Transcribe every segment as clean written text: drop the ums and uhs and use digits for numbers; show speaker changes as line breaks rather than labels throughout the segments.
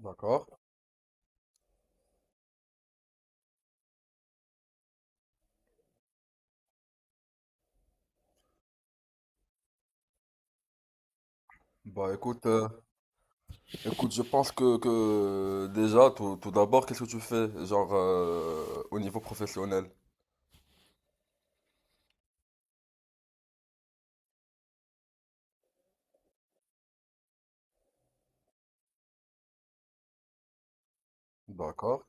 D'accord. Bah écoute, écoute, je pense que déjà, tout d'abord, qu'est-ce que tu fais, genre au niveau professionnel? D'accord.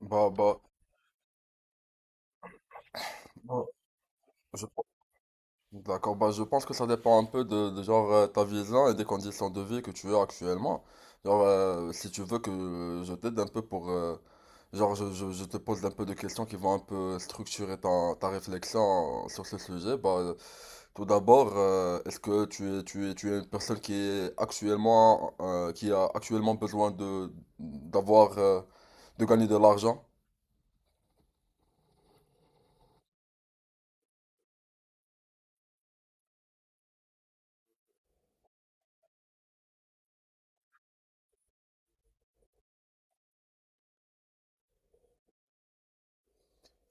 Bah bah, bah, je, D'accord, bah je pense que ça dépend un peu de genre ta vision et des conditions de vie que tu as actuellement. Genre, si tu veux que je t'aide un peu pour... genre, je te pose un peu de questions qui vont un peu structurer ta, ta réflexion sur ce sujet. Bah, tout d'abord, est-ce que tu es une personne qui est actuellement, qui a actuellement besoin de, d'avoir, de gagner de l'argent?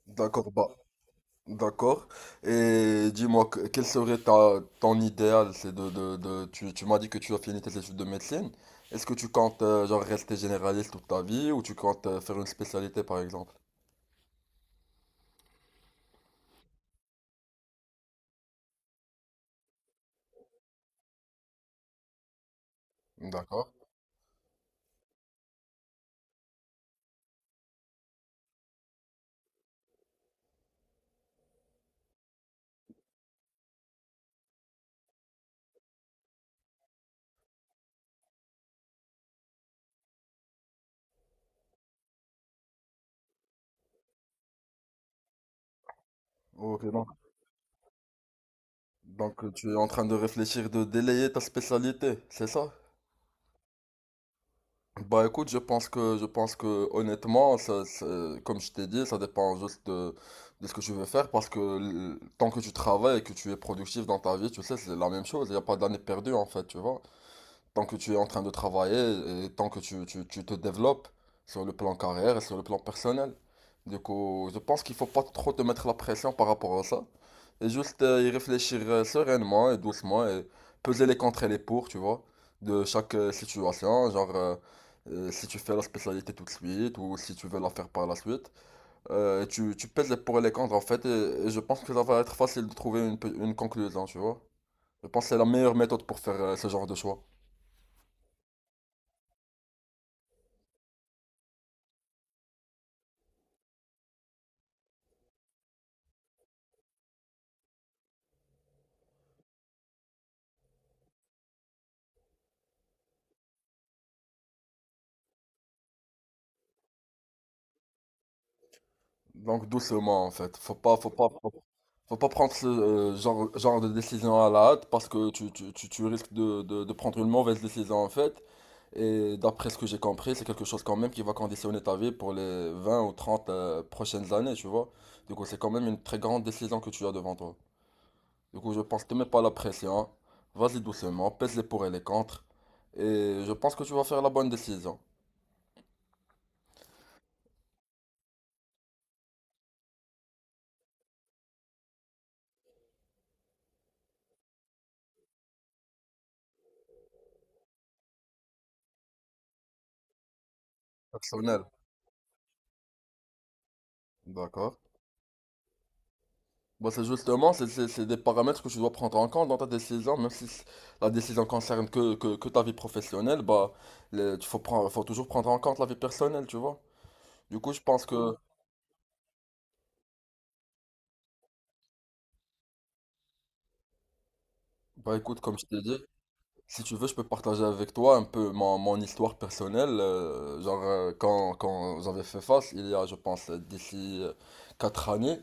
D'accord, bah... D'accord. Et dis-moi, quel serait ta, ton idéal? C'est tu, tu m'as dit que tu as fini tes études de médecine. Est-ce que tu comptes genre rester généraliste toute ta vie ou tu comptes faire une spécialité par exemple? D'accord. Ok, donc tu es en train de réfléchir de délayer ta spécialité, c'est ça? Bah écoute, je pense que honnêtement, comme je t'ai dit, ça dépend juste de ce que tu veux faire parce que tant que tu travailles et que tu es productif dans ta vie, tu sais, c'est la même chose, il n'y a pas d'année perdue en fait, tu vois. Tant que tu es en train de travailler et tant que tu te développes sur le plan carrière et sur le plan personnel. Du coup, je pense qu'il faut pas trop te mettre la pression par rapport à ça. Et juste y réfléchir sereinement et doucement et peser les contre et les pour, tu vois, de chaque situation. Genre, si tu fais la spécialité tout de suite ou si tu veux la faire par la suite. Tu pèses les pour et les contre en fait. Et je pense que ça va être facile de trouver une conclusion, tu vois. Je pense que c'est la meilleure méthode pour faire ce genre de choix. Donc doucement en fait, faut pas prendre ce genre de décision à la hâte parce que tu risques de prendre une mauvaise décision en fait. Et d'après ce que j'ai compris, c'est quelque chose quand même qui va conditionner ta vie pour les 20 ou 30 prochaines années, tu vois. Du coup, c'est quand même une très grande décision que tu as devant toi. Du coup, je pense que te mets pas la pression, vas-y doucement, pèse les pour et les contre, et je pense que tu vas faire la bonne décision. Personnel. D'accord. Bah, c'est justement, c'est des paramètres que tu dois prendre en compte dans ta décision, même si la décision concerne que ta vie professionnelle, bah, faut toujours prendre en compte la vie personnelle, tu vois. Du coup, bah, écoute, comme je t'ai dit, si tu veux, je peux partager avec toi un peu mon, mon histoire personnelle. Genre, quand j'avais fait face, il y a, je pense, d'ici 4 années,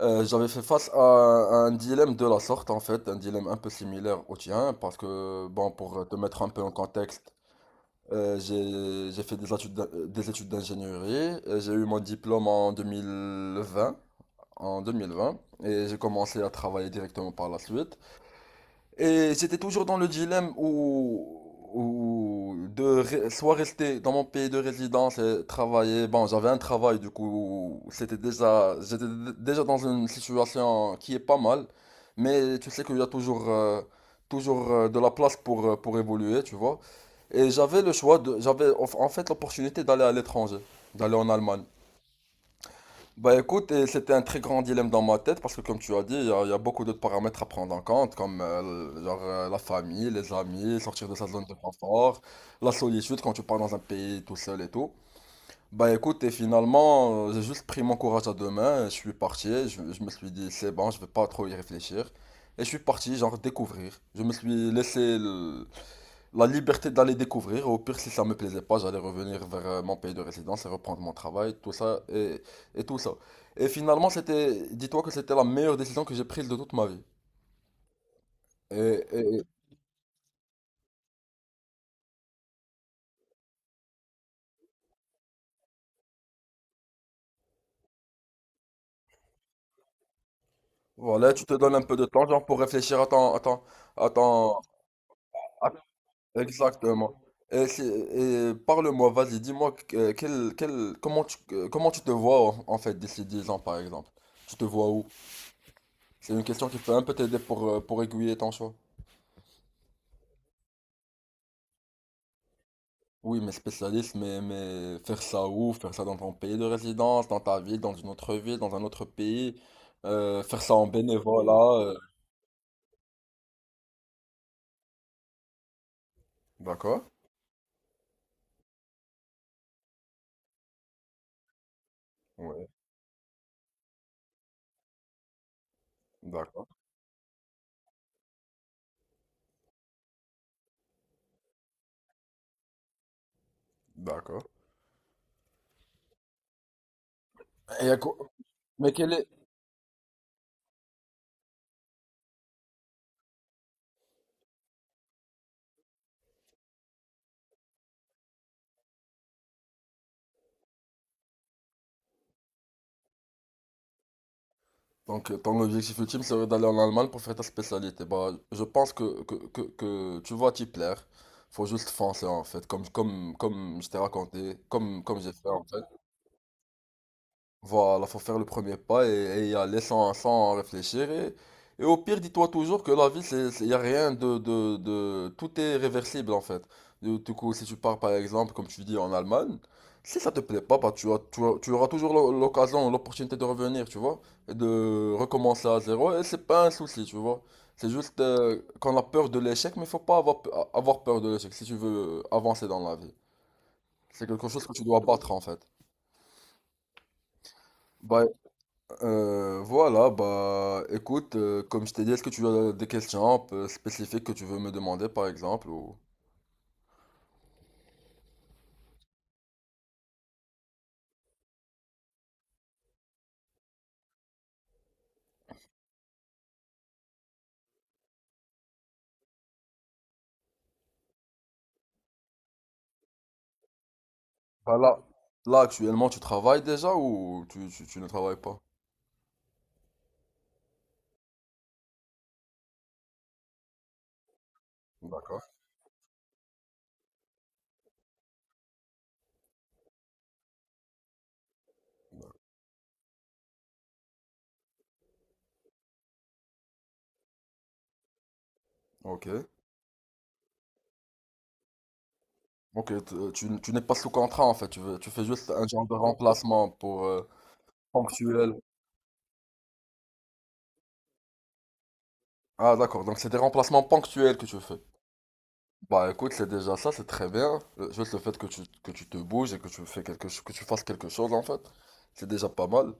j'avais fait face à un dilemme de la sorte, en fait, un dilemme un peu similaire au tien, parce que, bon, pour te mettre un peu en contexte, j'ai fait des des études d'ingénierie. J'ai eu mon diplôme en 2020 en 2020 et j'ai commencé à travailler directement par la suite. Et j'étais toujours dans le où de soit rester dans mon pays de résidence et travailler. Bon, j'avais un travail du coup, c'était déjà, déjà dans une situation qui est pas mal. Mais tu sais qu'il y a toujours, de la place pour évoluer, tu vois. Et j'avais le j'avais en fait l'opportunité d'aller à l'étranger, d'aller en Allemagne. Bah écoute, et c'était un très grand dilemme dans ma tête parce que comme tu as dit, il y a beaucoup d'autres paramètres à prendre en compte comme la famille, les amis, sortir de sa zone de confort, la solitude quand tu pars dans un pays tout seul et tout. Bah écoute, et finalement, j'ai juste pris mon courage à deux mains, et je suis parti, je me suis dit c'est bon, je vais pas trop y réfléchir. Et je suis parti genre découvrir. Je me suis laissé la liberté d'aller découvrir. Au pire, si ça me plaisait pas, j'allais revenir vers mon pays de résidence et reprendre mon travail, et tout ça. Et finalement, dis-toi que c'était la meilleure décision que j'ai prise de toute ma vie. Et, et- voilà, tu te donnes un peu de temps, genre, pour réfléchir à ton, à ton- à- exactement. Et, si- et parle-moi, vas-y, dis-moi que- quel, quel- comment tu te vois en, en fait d'ici 10 ans, par exemple. Tu te vois où? C'est une question qui peut un peu t'aider pour aiguiller ton choix. Oui, mais spécialiste, mais faire ça où? Faire ça dans ton pays de résidence, dans ta ville, dans une autre ville, dans un autre pays, faire ça en bénévolat. euh. D'accord, ouais, d'accord, d'accord. Et à quoi- Mais quel est... Donc, ton objectif ultime serait d'aller en Allemagne pour faire ta spécialité. Bah, je pense que tu vas t'y plaire. Faut juste foncer, en fait, comme je t'ai raconté, comme j'ai fait, en fait. Voilà, faut faire le premier pas et, et y aller sans réfléchir. Et au pire, dis-toi toujours que la vie, y a rien tout est réversible en fait. Du coup, si tu pars par exemple, comme tu dis, en Allemagne, si ça te plaît pas, bah, tu auras toujours l'occasion, l'opportunité de revenir, tu vois, et de recommencer à zéro. Et c'est pas un souci, tu vois. C'est juste qu'on a peur de l'échec, mais faut pas avoir, avoir peur de l'échec si tu veux avancer dans la vie. C'est quelque chose que tu dois battre en fait. Bah, voilà, bah écoute, comme je t'ai dit, est-ce que tu as des questions un peu spécifiques que tu veux me demander par exemple ou... Bah là, là actuellement tu travailles déjà ou tu ne travailles pas? D'accord. Ok. Ok, tu n'es pas sous contrat en fait, tu veux, tu fais juste un genre de remplacement pour ponctuel. Ah d'accord, donc c'est des remplacements ponctuels que tu fais. Bah écoute, c'est déjà ça, c'est très bien. Juste le fait que que tu te bouges et que tu fais que tu fasses quelque chose en fait, c'est déjà pas mal.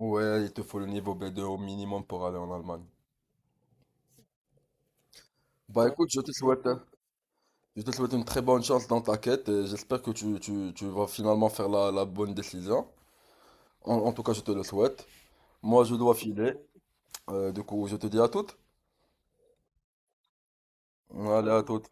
Ouais, il te faut le niveau B2 au minimum pour aller en Allemagne. Bah ouais, écoute, je te souhaite, hein. Je te souhaite une très bonne chance dans ta quête et j'espère que tu vas finalement faire la, la bonne décision. En tout cas, je te le souhaite. Moi, je dois filer. Du coup, je te dis à toutes. Allez, à toutes.